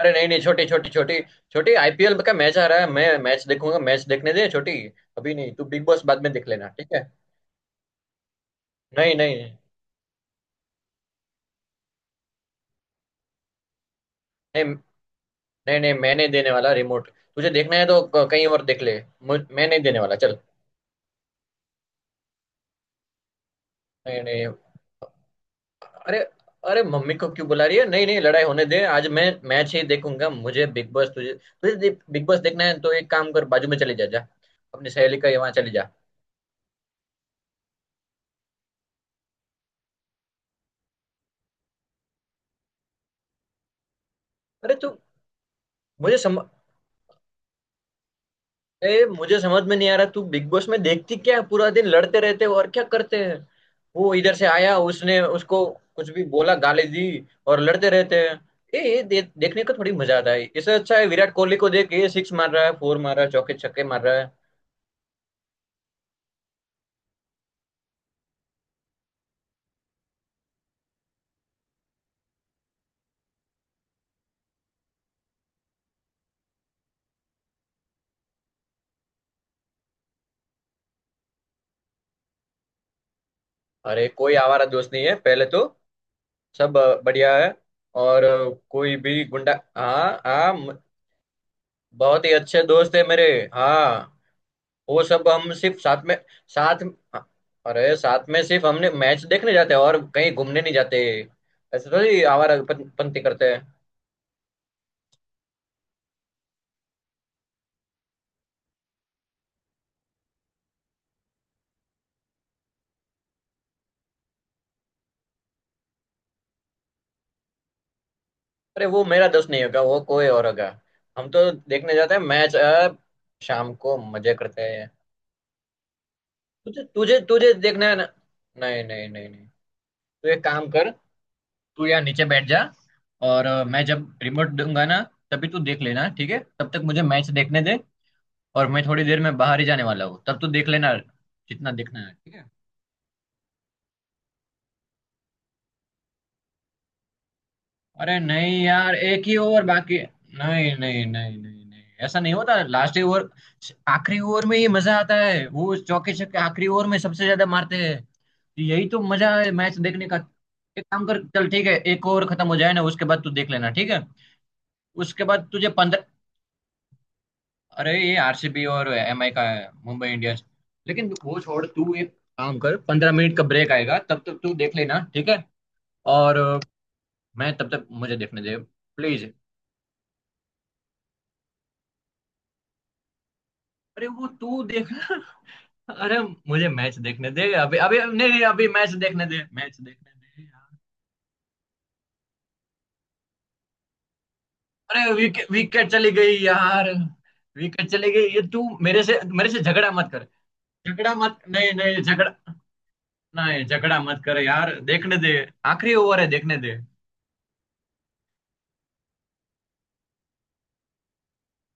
अरे नहीं नहीं छोटी छोटी छोटी छोटी आईपीएल का मैच आ रहा है। मैं मैच देखूंगा। मैच देखने दे छोटी। अभी नहीं, तू बिग बॉस बाद में देख लेना, ठीक है? नहीं नहीं नहीं नहीं नहीं, मैं नहीं देने वाला रिमोट। तुझे देखना है तो कहीं और देख ले। मैं नहीं देने वाला, चल। नहीं नहीं, अरे, अरे मम्मी को क्यों बुला रही है? नहीं नहीं, लड़ाई होने दे। आज मैं मैच ही देखूंगा। मुझे बिग बॉस, तुझे तुझे दे- बिग बॉस देखना है तो एक काम कर, बाजू में चली जा जा। अपनी सहेली का यहाँ चली जा। अरे तू। मुझे सम, मुझे समझ में नहीं आ रहा तू बिग बॉस में देखती क्या है। पूरा दिन लड़ते रहते हो और क्या करते हैं। वो इधर से आया, उसने उसको कुछ भी बोला, गाली दी, और लड़ते रहते हैं। ये देखने का थोड़ी मजा आता है। इससे अच्छा है विराट कोहली को देख, ये सिक्स मार रहा है, फोर मार रहा है, चौके छक्के मार रहा है। अरे कोई आवारा दोस्त नहीं है पहले तो। सब बढ़िया है। और कोई भी गुंडा, हाँ हाँ बहुत ही अच्छे दोस्त है मेरे। हाँ, वो सब हम सिर्फ साथ में। साथ अरे साथ में सिर्फ हमने मैच देखने जाते हैं और कहीं घूमने नहीं जाते। ऐसे थोड़ी आवारा पंती करते हैं। अरे वो मेरा दोस्त नहीं होगा, वो कोई और होगा। हम तो देखने जाते हैं मैच, अब शाम को मजे करते हैं। तुझे तुझे तुझे देखना है ना। नहीं नहीं नहीं नहीं। तू एक काम कर, तू यहाँ नीचे बैठ जा। और मैं जब रिमोट दूंगा ना तभी तू देख लेना, ठीक है? तब तक मुझे मैच देखने दे। और मैं थोड़ी देर में बाहर ही जाने वाला हूँ, तब तू देख लेना जितना देखना है, ठीक है? अरे नहीं यार, एक ही ओवर बाकी है। नहीं नहीं नहीं नहीं नहीं, ऐसा नहीं होता लास्ट ओवर। आखिरी ओवर में ये मजा आता है, वो चौके छक्के आखिरी ओवर में सबसे ज्यादा मारते हैं, तो यही तो मजा है मैच देखने का। एक काम कर, चल ठीक है, एक ओवर खत्म हो जाए ना, उसके बाद तू देख लेना, ठीक है? उसके बाद तुझे पंद्रह। अरे ये आरसीबी और एमआई का है, मुंबई इंडियंस। लेकिन वो छोड़, तू एक काम कर, 15 मिनट का ब्रेक आएगा तब तक तू देख लेना, ठीक है? और मैं तब तक मुझे देखने दे, प्लीज। अरे वो तू देखना। अरे मुझे मैच देखने दे, अभी अभी नहीं नहीं अभी मैच देखने दे, मैच देखने दे यार। अरे विकेट विकेट चली गई यार। विकेट चली गई ये तू। मेरे से झगड़ा मत कर। झगड़ा मत, नहीं नहीं झगड़ा नहीं, झगड़ा मत कर यार, देखने दे। आखिरी ओवर है, देखने दे।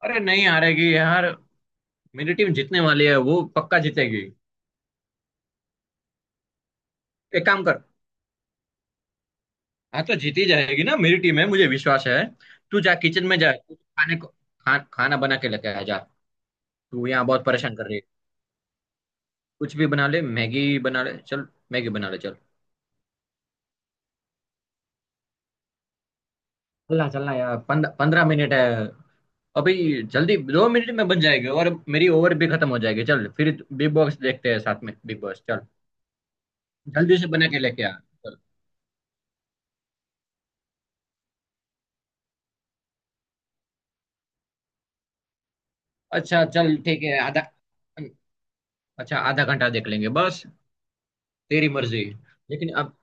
अरे नहीं हारेगी यार, मेरी टीम जीतने वाली है, वो पक्का जीतेगी। एक काम कर। हाँ तो जीती जाएगी ना, मेरी टीम है, मुझे विश्वास है। तू जा किचन में, जा तू खाने को, खाना बना के लेके आ जा। तू यहाँ बहुत परेशान कर रही है। कुछ भी बना ले, मैगी बना ले चल, मैगी बना ले चल। चलना चलना यार, 15 मिनट है अभी, जल्दी 2 मिनट में बन जाएगी, और मेरी ओवर भी खत्म हो जाएगी। चल फिर, बिग बॉस देखते हैं साथ में। बिग बॉस चल, जल्दी से बना के लेके आ, चल। अच्छा चल ठीक है, आधा। अच्छा, आधा घंटा देख लेंगे बस। तेरी मर्जी। लेकिन अब,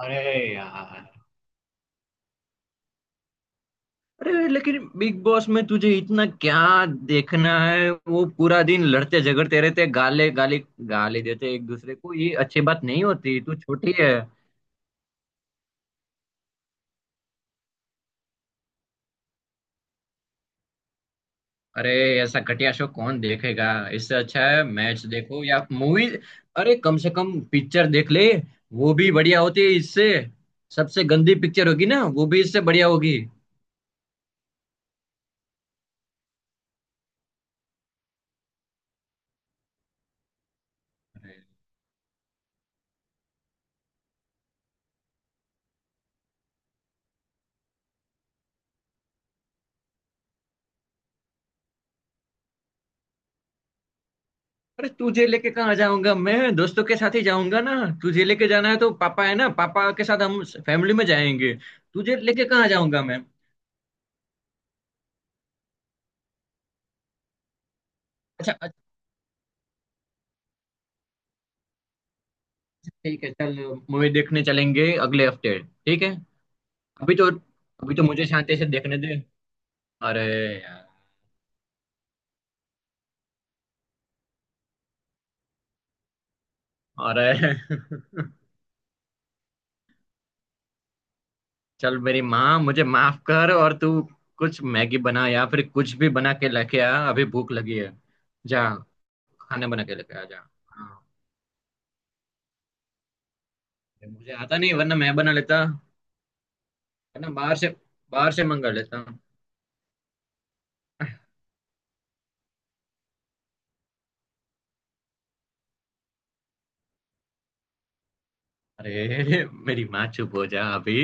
अरे यार, अरे लेकिन बिग बॉस में तुझे इतना क्या देखना है? वो पूरा दिन लड़ते झगड़ते रहते, गाले गाली गाली देते एक दूसरे को, ये अच्छी बात नहीं होती, तू छोटी है। अरे ऐसा घटिया शो कौन देखेगा। इससे अच्छा है मैच देखो या मूवी। अरे कम से कम पिक्चर देख ले, वो भी बढ़िया होती है इससे। सबसे गंदी पिक्चर होगी ना, वो भी इससे बढ़िया होगी। अरे तुझे लेके कहाँ जाऊंगा मैं, दोस्तों के साथ ही जाऊंगा ना। तुझे लेके जाना है तो पापा है ना, पापा के साथ हम फैमिली में जाएंगे। तुझे लेके कहाँ जाऊंगा मैं। अच्छा अच्छा, ठीक है चल, मूवी देखने चलेंगे अगले हफ्ते, ठीक है? अभी तो, अभी तो मुझे शांति से देखने दे। अरे यार। अरे चल मेरी माँ मुझे माफ कर। और तू कुछ मैगी बना या फिर कुछ भी बना के लेके आ, अभी भूख लगी है। जा खाना बना के लेके आ जा। हाँ, मुझे आता नहीं वरना मैं बना लेता, है ना। बाहर से, बाहर से मंगा लेता हूँ। अरे मेरी माँ चुप हो जा अभी,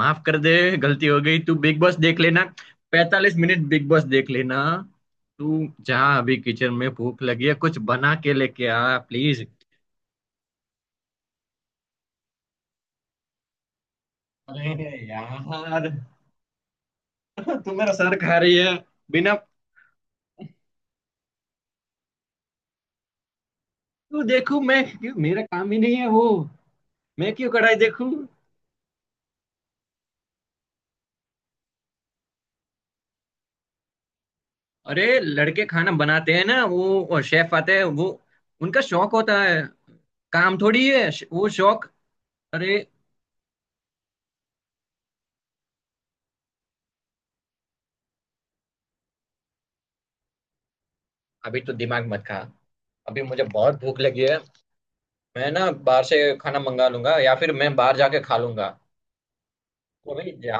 माफ कर दे, गलती हो गई। तू बिग बॉस देख लेना, 45 मिनट बिग बॉस देख लेना, तू जा अभी किचन में, भूख लगी है, कुछ बना के लेके आ प्लीज। अरे यार तू मेरा सर खा रही है। बिना तू देखू मैं क्यों, मेरा काम ही नहीं है वो। मैं क्यों कढ़ाई देखूं। अरे लड़के खाना बनाते हैं ना, वो शेफ आते हैं वो, उनका शौक होता है। काम थोड़ी है, वो शौक। अरे अभी तो दिमाग मत खा, अभी मुझे बहुत भूख लगी है। मैं ना बाहर से खाना मंगा लूंगा या फिर मैं बाहर जाके खा लूंगा। तो भाई जा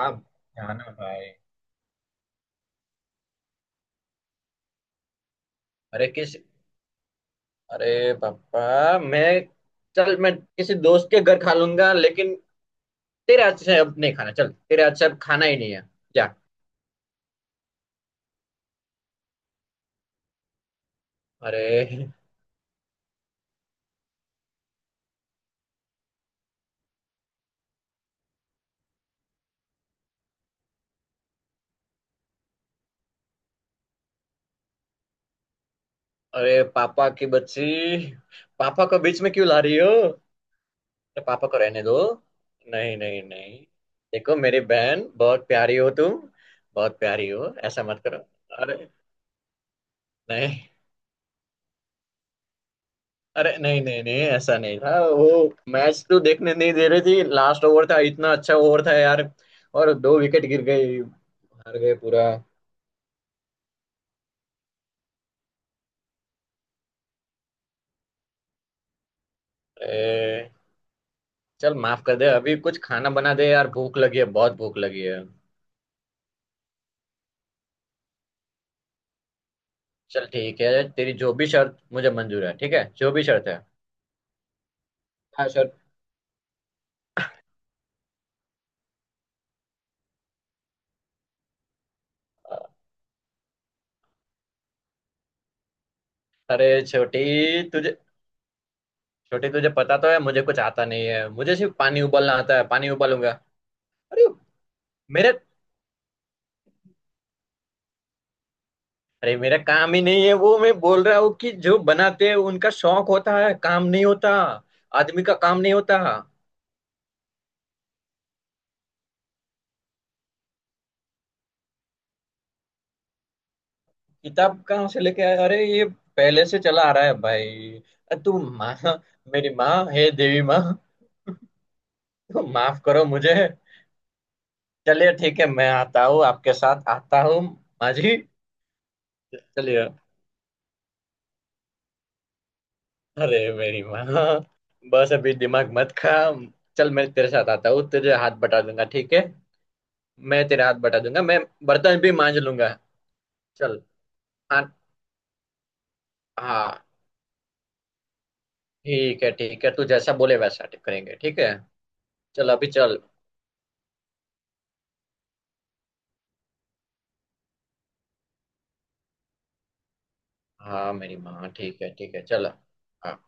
जाना भाई। अरे किस, अरे पापा मैं। चल मैं किसी दोस्त के घर खा लूंगा, लेकिन तेरे हाथ से अब नहीं खाना। चल, तेरे हाथ से अब खाना ही नहीं है, जा। अरे अरे पापा की बच्ची, पापा को बीच में क्यों ला रही हो? अपने पापा को रहने दो। नहीं नहीं नहीं, देखो मेरी बहन, बहुत प्यारी हो तुम। बहुत प्यारी हो, ऐसा मत करो। अरे नहीं, अरे नहीं नहीं नहीं, ऐसा नहीं था वो। मैच तो देखने नहीं दे रही थी, लास्ट ओवर था, इतना अच्छा ओवर था यार, और दो विकेट गिर गई, हार गए पूरा। ए, चल माफ कर दे, अभी कुछ खाना बना दे यार, भूख लगी है, बहुत भूख लगी है। चल ठीक है, तेरी जो भी शर्त मुझे मंजूर है, ठीक है, जो भी शर्त है। हाँ शर्त। अरे छोटी तुझे, छोटी तुझे पता तो है मुझे कुछ आता नहीं है, मुझे सिर्फ पानी उबालना आता है, पानी उबालूंगा। अरे मेरे, अरे मेरा काम ही नहीं है वो, मैं बोल रहा हूँ कि जो बनाते हैं उनका शौक होता है, काम नहीं होता। आदमी का काम नहीं होता। किताब कहाँ से लेके आया, अरे ये पहले से चला आ रहा है भाई। तू माँ, मेरी माँ, हे देवी माँ, तो माफ करो मुझे। चलिए ठीक है, मैं आता हूँ, आपके साथ आता हूँ माँ जी। चलिए, अरे मेरी माँ, बस अभी दिमाग मत खा। चल मैं तेरे साथ आता हूँ, तेरे हाथ बटा दूंगा, ठीक है? मैं तेरे हाथ बटा दूंगा, मैं बर्तन भी मांज लूंगा। चल, हाँ हाँ ठीक है ठीक है, तू जैसा बोले वैसा करेंगे, ठीक है? चल अभी चल। हाँ मेरी माँ, ठीक है ठीक है, चल हाँ।